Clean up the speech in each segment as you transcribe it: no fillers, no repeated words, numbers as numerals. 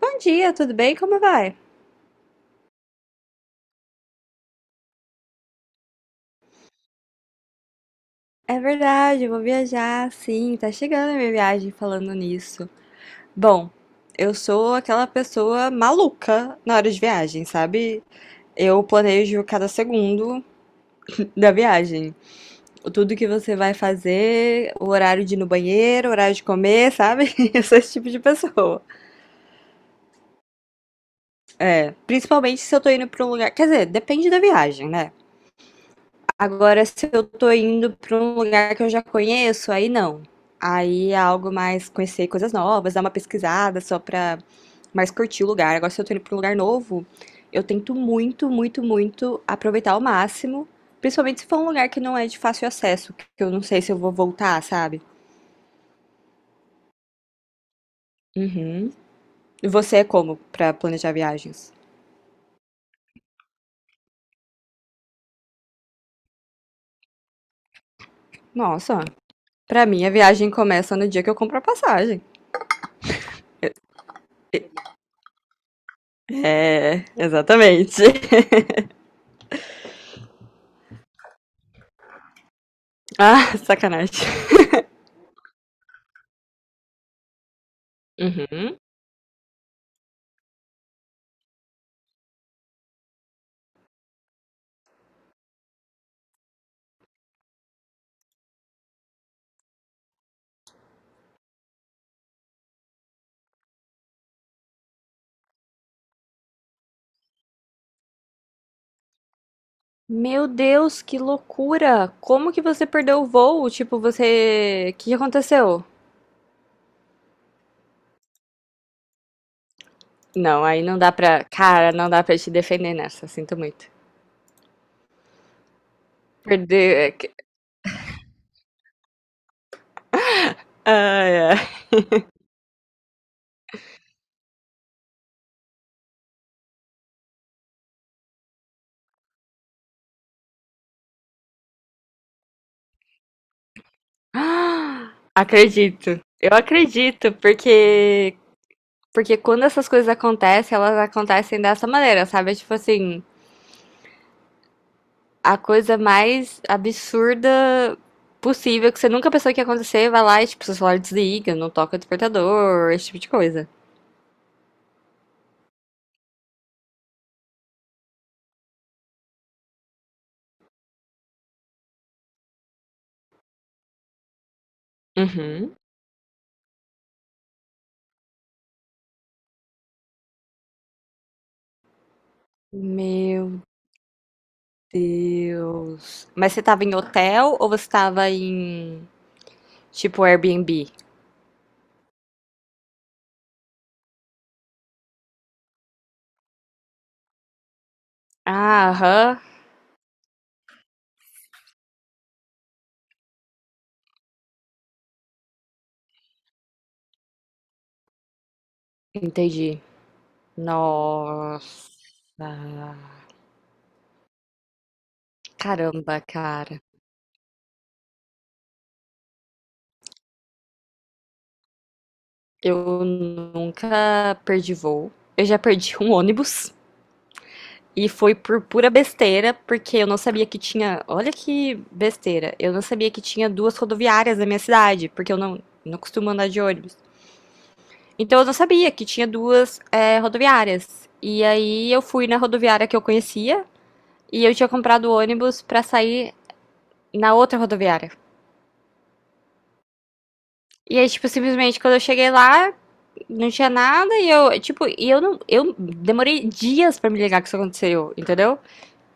Bom dia, tudo bem? Como vai? É verdade, eu vou viajar, sim, tá chegando a minha viagem falando nisso. Bom, eu sou aquela pessoa maluca na hora de viagem, sabe? Eu planejo cada segundo da viagem. Tudo que você vai fazer, o horário de ir no banheiro, o horário de comer, sabe? Eu sou esse tipo de pessoa. Principalmente se eu tô indo pra um lugar. Quer dizer, depende da viagem, né? Agora, se eu tô indo pra um lugar que eu já conheço, aí não. Aí é algo mais conhecer coisas novas, dar uma pesquisada só pra mais curtir o lugar. Agora, se eu tô indo pra um lugar novo, eu tento muito, muito, muito aproveitar ao máximo, principalmente se for um lugar que não é de fácil acesso, que eu não sei se eu vou voltar, sabe? Uhum. E você é como pra planejar viagens? Nossa, pra mim a viagem começa no dia que eu compro a passagem. É, exatamente. Ah, sacanagem. Uhum. Meu Deus, que loucura! Como que você perdeu o voo? Tipo, você. O que que aconteceu? Não, aí não dá pra. Cara, não dá pra te defender nessa, sinto muito. Perder. Ai, ai. Acredito. Eu acredito, porque. Porque quando essas coisas acontecem, elas acontecem dessa maneira, sabe? É, tipo assim, a coisa mais absurda possível que você nunca pensou que ia acontecer, vai lá e, tipo, seu celular desliga, não toca o despertador, esse tipo de coisa. Uhum. Meu Deus. Mas você tava em hotel ou você tava em tipo Airbnb? Ah, aham. Entendi. Nossa. Caramba, cara. Eu nunca perdi voo. Eu já perdi um ônibus e foi por pura besteira, porque eu não sabia que tinha. Olha que besteira. Eu não sabia que tinha duas rodoviárias na minha cidade, porque eu não, não costumo andar de ônibus. Então eu não sabia que tinha duas rodoviárias. E aí eu fui na rodoviária que eu conhecia e eu tinha comprado o ônibus pra sair na outra rodoviária. E aí, tipo, simplesmente quando eu cheguei lá, não tinha nada e eu, tipo, e eu não, eu demorei dias pra me ligar que isso aconteceu, entendeu?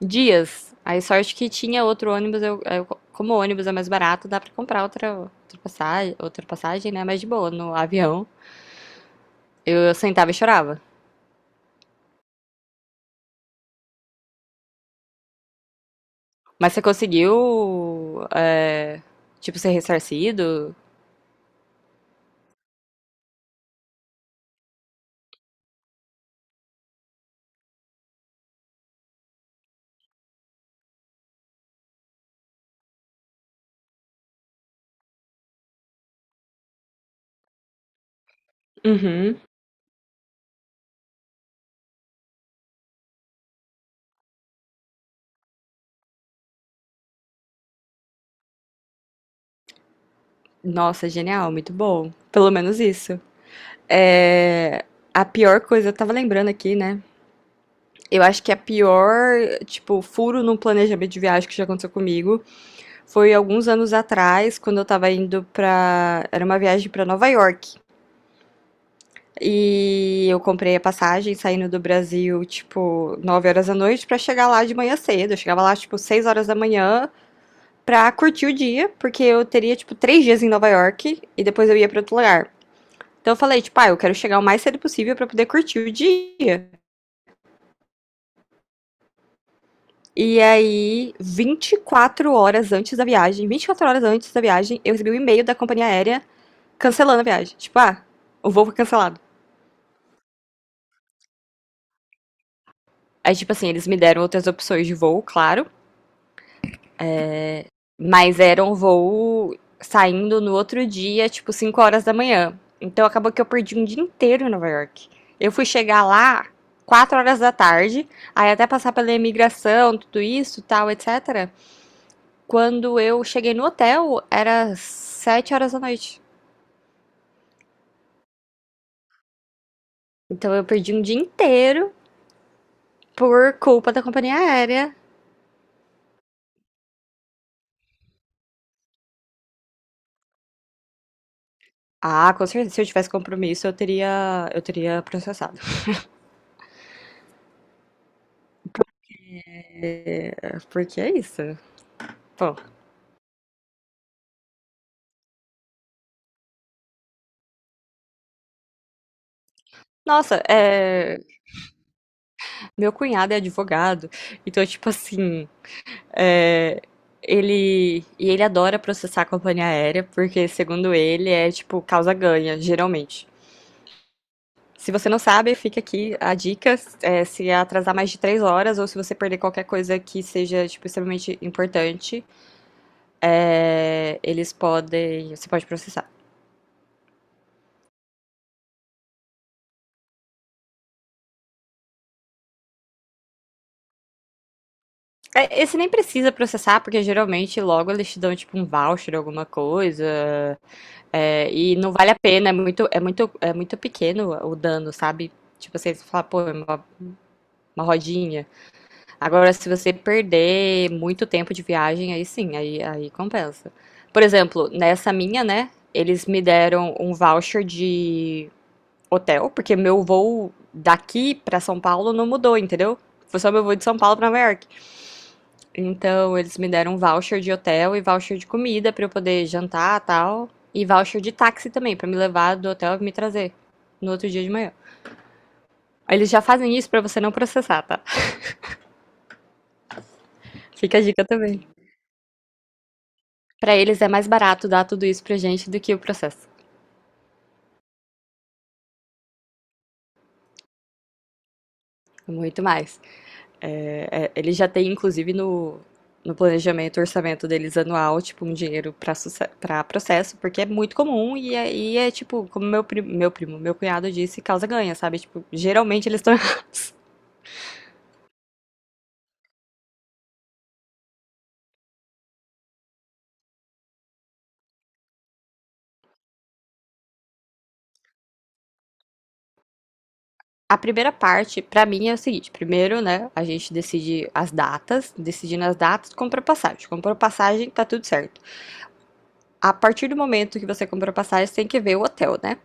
Dias. Aí sorte que tinha outro ônibus, como o ônibus é mais barato, dá pra comprar outra passagem, né? Mas de boa, no avião. Eu sentava e chorava. Mas você conseguiu, é, tipo, ser ressarcido? Uhum. Nossa, genial, muito bom. Pelo menos isso. É, a pior coisa, eu tava lembrando aqui, né? Eu acho que a pior, tipo, furo no planejamento de viagem que já aconteceu comigo foi alguns anos atrás, quando eu tava indo pra. Era uma viagem pra Nova York. E eu comprei a passagem saindo do Brasil, tipo, 9 horas da noite pra chegar lá de manhã cedo. Eu chegava lá, tipo, 6 horas da manhã pra curtir o dia, porque eu teria, tipo, 3 dias em Nova York e depois eu ia pra outro lugar. Então eu falei, tipo, ah, eu quero chegar o mais cedo possível pra poder curtir o dia. E aí, 24 horas antes da viagem, 24 horas antes da viagem, eu recebi um e-mail da companhia aérea cancelando a viagem. Tipo, ah, o voo foi cancelado. Aí, tipo assim, eles me deram outras opções de voo, claro. Mas era um voo saindo no outro dia, tipo 5 horas da manhã. Então acabou que eu perdi um dia inteiro em Nova York. Eu fui chegar lá 4 horas da tarde, aí até passar pela imigração, tudo isso, tal, etc. Quando eu cheguei no hotel, era 7 horas da noite. Então eu perdi um dia inteiro por culpa da companhia aérea. Ah, com certeza, se eu tivesse compromisso, eu teria processado. É, porque é isso. Bom, nossa, é, meu cunhado é advogado, então, tipo assim, é, ele. E ele adora processar a companhia aérea, porque, segundo ele, é tipo causa-ganha, geralmente. Se você não sabe, fica aqui a dica, é, se atrasar mais de 3 horas ou se você perder qualquer coisa que seja, tipo, extremamente importante, é, eles podem, você pode processar. É, esse nem precisa processar, porque geralmente logo eles te dão, tipo, um voucher, alguma coisa. É, e não vale a pena, é muito, é muito, é muito pequeno o dano, sabe? Tipo, você fala, pô, é uma rodinha. Agora, se você perder muito tempo de viagem, aí sim, aí, aí compensa. Por exemplo, nessa minha, né? Eles me deram um voucher de hotel, porque meu voo daqui pra São Paulo não mudou, entendeu? Foi só meu voo de São Paulo pra Nova York. Então, eles me deram um voucher de hotel e voucher de comida pra eu poder jantar, e tal, e voucher de táxi também pra me levar do hotel e me trazer no outro dia de manhã. Eles já fazem isso pra você não processar, tá? Fica a dica também. Pra eles é mais barato dar tudo isso pra gente do que o processo. Muito mais. É, é, eles já têm, inclusive, no, no planejamento, orçamento deles anual, tipo, um dinheiro para processo, porque é muito comum e é tipo, como meu, meu cunhado disse, causa ganha, sabe? Tipo, geralmente eles estão errados. A primeira parte, pra mim, é o seguinte: primeiro, né, a gente decide as datas, decidindo as datas, compra passagem. Comprou passagem, tá tudo certo. A partir do momento que você comprou passagem, você tem que ver o hotel, né?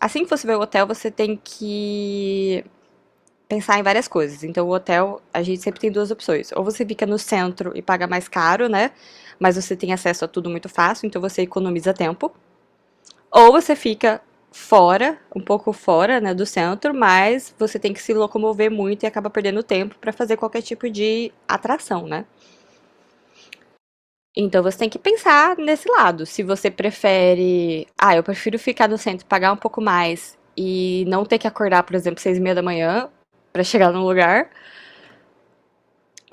Assim que você ver o hotel, você tem que pensar em várias coisas. Então, o hotel, a gente sempre tem duas opções. Ou você fica no centro e paga mais caro, né? Mas você tem acesso a tudo muito fácil, então você economiza tempo. Ou você fica fora, um pouco fora, né, do centro, mas você tem que se locomover muito e acaba perdendo tempo para fazer qualquer tipo de atração, né? Então você tem que pensar nesse lado. Se você prefere, ah, eu prefiro ficar no centro, pagar um pouco mais e não ter que acordar, por exemplo, 6h30 da manhã para chegar num lugar,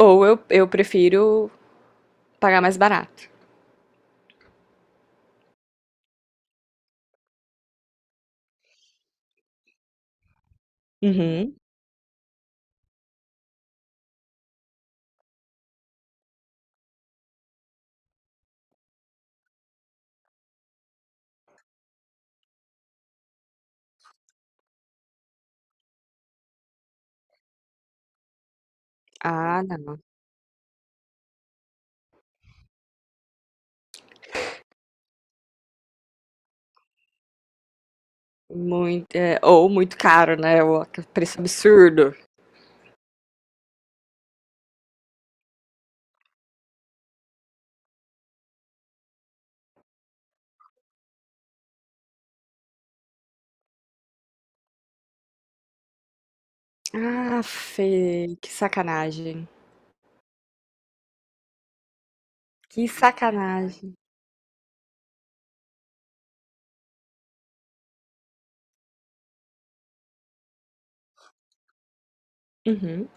ou eu prefiro pagar mais barato. Uhum. Ah, não. Muito, é, ou muito caro, né? O preço absurdo. Ah, Fê, que sacanagem. Que sacanagem. Uhum.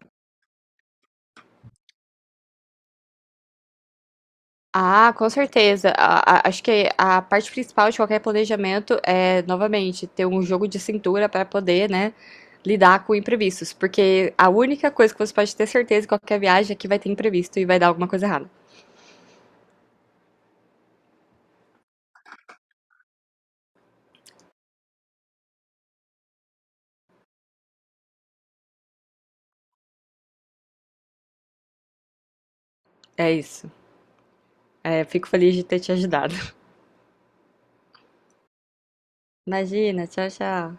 Ah, com certeza. Acho que a parte principal de qualquer planejamento é, novamente, ter um jogo de cintura para poder, né, lidar com imprevistos. Porque a única coisa que você pode ter certeza em qualquer viagem é que vai ter imprevisto e vai dar alguma coisa errada. É isso. É, fico feliz de ter te ajudado. Imagina, tchau, tchau.